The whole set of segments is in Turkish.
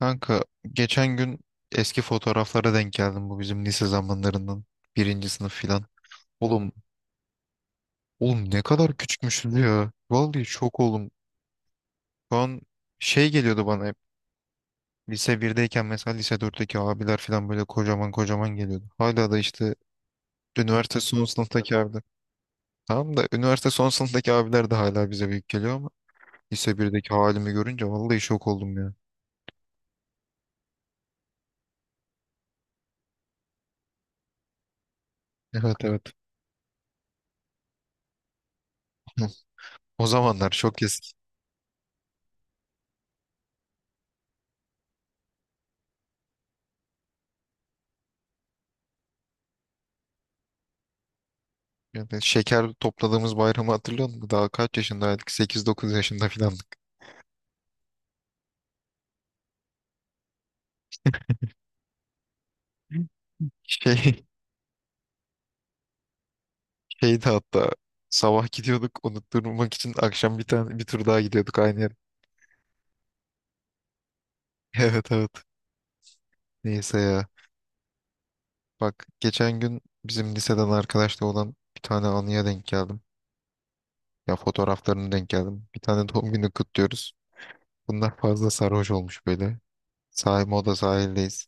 Kanka, geçen gün eski fotoğraflara denk geldim, bu bizim lise zamanlarından birinci sınıf filan. Oğlum, oğlum, ne kadar küçükmüşüz ya. Vallahi şok oğlum. Şu an şey geliyordu bana hep. Lise birdeyken mesela lise dörtteki abiler filan böyle kocaman kocaman geliyordu. Hala da işte üniversite son sınıftaki abiler. Tamam da üniversite son sınıftaki abiler de hala bize büyük geliyor ama lise birdeki halimi görünce vallahi şok oldum ya. Evet, evet. O zamanlar şok. Yani şeker topladığımız bayramı hatırlıyor musun? Daha kaç yaşındaydık? Sekiz, dokuz yaşında falan. Şey, şeydi hatta, sabah gidiyorduk, unutturmak için akşam bir tane bir tur daha gidiyorduk aynı yere. Evet, evet. Neyse ya. Bak, geçen gün bizim liseden arkadaşla olan bir tane anıya denk geldim. Ya, fotoğraflarını denk geldim. Bir tane doğum günü kutluyoruz. Bunlar fazla sarhoş olmuş böyle. Sahil, moda sahildeyiz.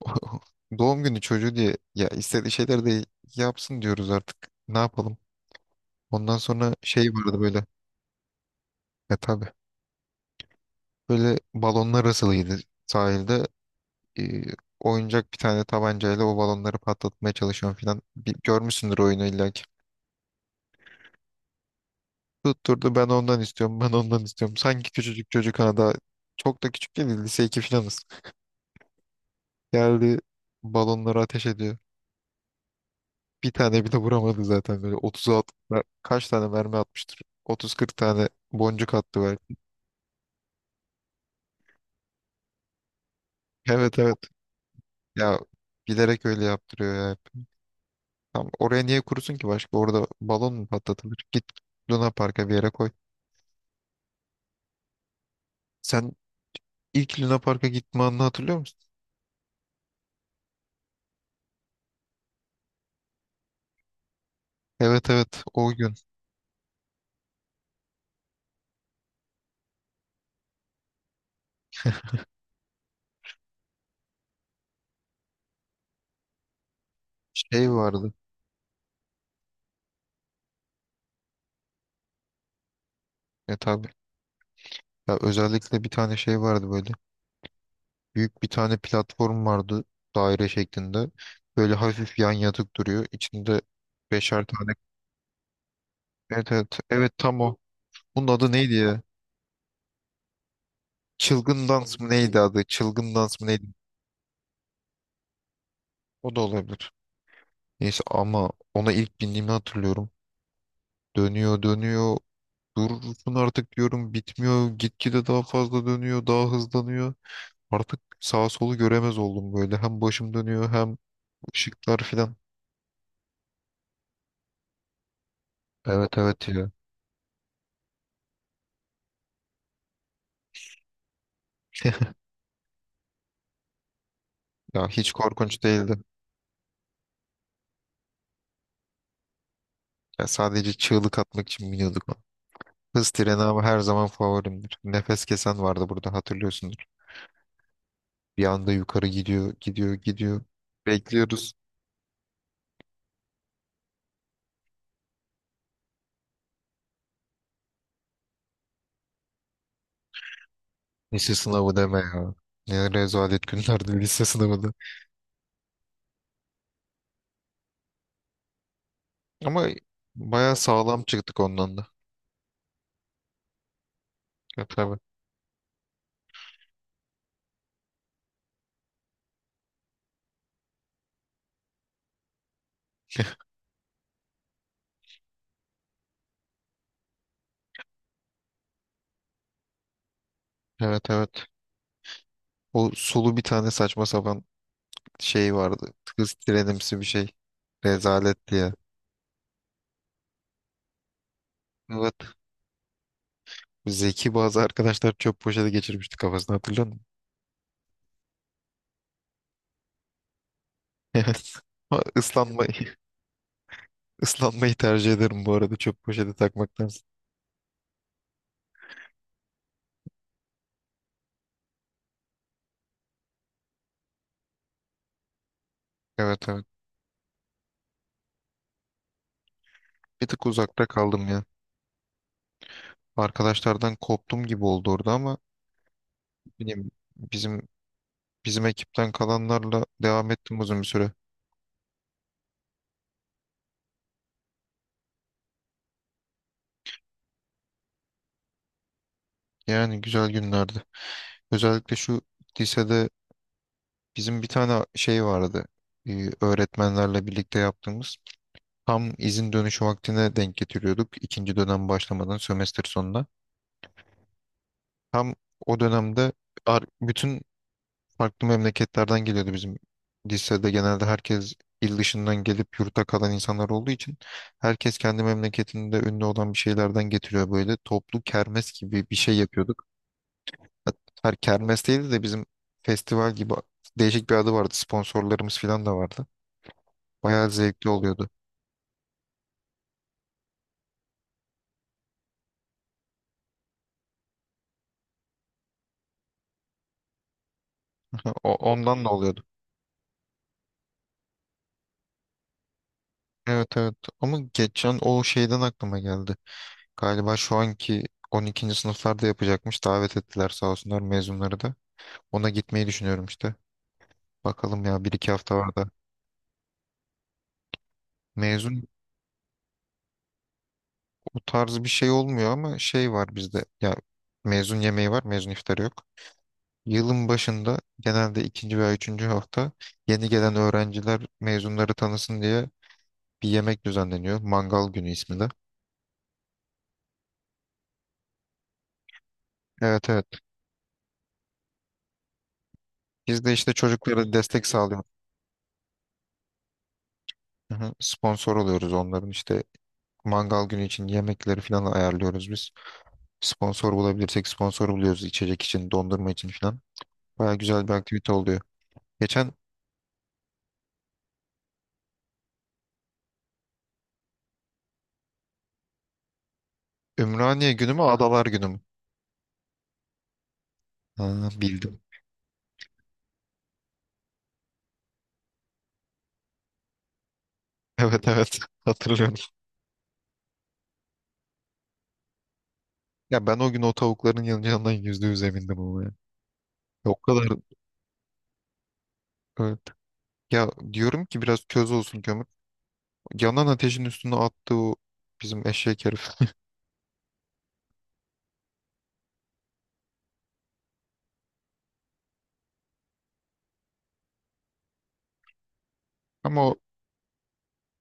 Doğum günü çocuğu diye ya, istediği şeyler de yapsın diyoruz artık. Ne yapalım? Ondan sonra şey vardı böyle. E tabii. Böyle balonlar asılıydı sahilde. E, oyuncak bir tane tabancayla o balonları patlatmaya çalışıyorum falan. Bir, görmüşsündür oyunu illa ki. Tutturdu, ben ondan istiyorum, ben ondan istiyorum. Sanki küçücük çocuk, ha daha çok da küçük değil, lise 2 filanız. Geldi, balonları ateş ediyor. Bir tane bile vuramadı zaten, böyle 30'a kaç tane mermi atmıştır? 30-40 tane boncuk attı belki. Evet, evet ya, bilerek öyle yaptırıyor ya. Tamam, oraya niye kurusun ki başka? Orada balon mu patlatılır? Git Luna Park'a bir yere koy. Sen ilk Luna Park'a gitme anını hatırlıyor musun? Evet, evet, o gün şey vardı. E tabii. Ya özellikle bir tane şey vardı böyle. Büyük bir tane platform vardı, daire şeklinde. Böyle hafif yan yatık duruyor. İçinde beşer tane. Evet, evet. Evet, tam o. Bunun adı neydi ya? Çılgın dans mı neydi adı? Çılgın dans mı neydi? O da olabilir. Neyse, ama ona ilk bindiğimi hatırlıyorum. Dönüyor dönüyor. Durursun artık diyorum, bitmiyor. Gitgide daha fazla dönüyor, daha hızlanıyor. Artık sağ solu göremez oldum böyle. Hem başım dönüyor, hem ışıklar filan. Evet, evet ya. Ya hiç korkunç değildi. Ya sadece çığlık atmak için biniyorduk ona. Hız treni ama her zaman favorimdir. Nefes kesen vardı burada, hatırlıyorsundur. Bir anda yukarı gidiyor, gidiyor, gidiyor. Bekliyoruz. Lise sınavı deme ya. Ne rezalet günlerdi lise sınavı da. Ama bayağı sağlam çıktık ondan da. Ya, tabii. Evet, evet. O sulu bir tane saçma sapan şey vardı. Kız trenimsi bir şey. Rezalet diye. Evet. Zeki bazı arkadaşlar çöp poşeti geçirmişti kafasına, hatırlıyor musun? Yani ama ıslanmayı, ıslanmayı tercih ederim bu arada, çöp poşeti takmaktan. Evet, evet. Bir tık uzakta kaldım ya. Arkadaşlardan koptum gibi oldu orada, ama bileyim, bizim ekipten kalanlarla devam ettim uzun bir süre. Yani güzel günlerdi. Özellikle şu lisede bizim bir tane şey vardı. Öğretmenlerle birlikte yaptığımız. Tam izin dönüşü vaktine denk getiriyorduk. İkinci dönem başlamadan, sömestr sonuna. Tam o dönemde, bütün farklı memleketlerden geliyordu bizim lisede. Genelde herkes il dışından gelip yurtta kalan insanlar olduğu için, herkes kendi memleketinde ünlü olan bir şeylerden getiriyor böyle. Toplu kermes gibi bir şey yapıyorduk. Hat- Her kermes değildi de, bizim festival gibi değişik bir adı vardı. Sponsorlarımız falan da vardı. Bayağı zevkli oluyordu. Ondan da oluyordu. Evet, evet, ama geçen o şeyden aklıma geldi. Galiba şu anki 12. sınıflarda yapacakmış. Davet ettiler sağ olsunlar, mezunları da. Ona gitmeyi düşünüyorum işte. Bakalım ya, bir iki hafta var da. Mezun O tarz bir şey olmuyor ama şey var bizde. Ya, mezun yemeği var, mezun iftarı yok. Yılın başında, genelde ikinci veya üçüncü hafta, yeni gelen öğrenciler mezunları tanısın diye bir yemek düzenleniyor. Mangal günü ismi de. Evet, evet. Biz de işte çocuklara destek sağlıyoruz. Hı hı. Sponsor oluyoruz, onların işte mangal günü için yemekleri falan ayarlıyoruz biz. Sponsor bulabilirsek sponsor buluyoruz, içecek için, dondurma için falan. Baya güzel bir aktivite oluyor. Geçen Ümraniye günü mü, Adalar günü mü? Ha, bildim. Evet, evet, hatırlıyorum. Ya ben o gün o tavukların yanacağından yüzde yüz emindim ama ya. Ya, o kadar. Evet. Ya, diyorum ki biraz köz olsun kömür. Yanan ateşin üstüne attı o bizim eşek herif. Ama o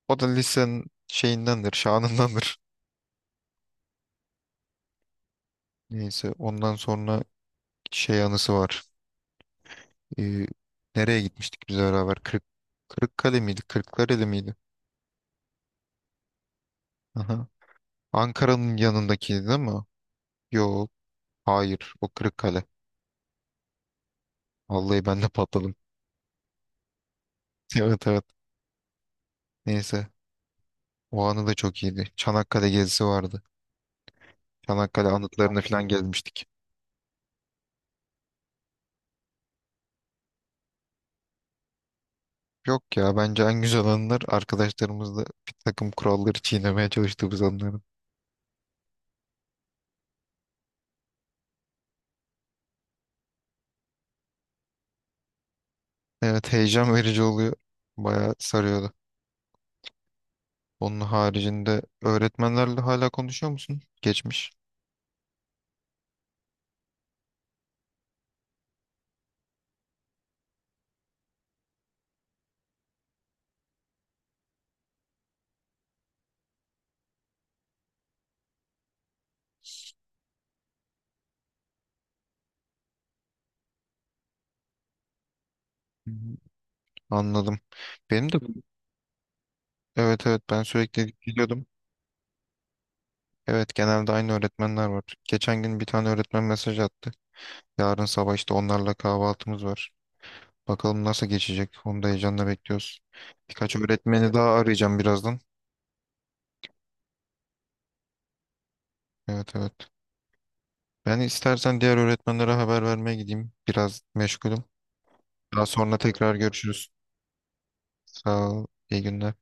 O da lisenin şeyindendir, şanındandır. Neyse, ondan sonra şey anısı var. Ee, nereye gitmiştik biz beraber? Kırıkkale miydi? Kırklareli miydi? Aha. Ankara'nın yanındakiydi değil mi? Yok. Hayır. O Kırıkkale. Vallahi ben de patladım. Evet, evet. Neyse. O anı da çok iyiydi. Çanakkale gezisi vardı. Çanakkale anıtlarını falan gezmiştik. Yok ya, bence en güzel anılar arkadaşlarımızla bir takım kuralları çiğnemeye çalıştığımız anlar. Evet, heyecan verici oluyor. Bayağı sarıyordu. Onun haricinde öğretmenlerle hala konuşuyor musun? Geçmiş. Hı hı. Anladım. Benim de, evet, evet, ben sürekli gidiyordum. Evet, genelde aynı öğretmenler var. Geçen gün bir tane öğretmen mesaj attı. Yarın sabah işte onlarla kahvaltımız var. Bakalım nasıl geçecek. Onu da heyecanla bekliyoruz. Birkaç öğretmeni daha arayacağım birazdan. Evet, evet. Ben istersen diğer öğretmenlere haber vermeye gideyim. Biraz meşgulüm. Daha sonra tekrar görüşürüz. Sağ ol. İyi günler.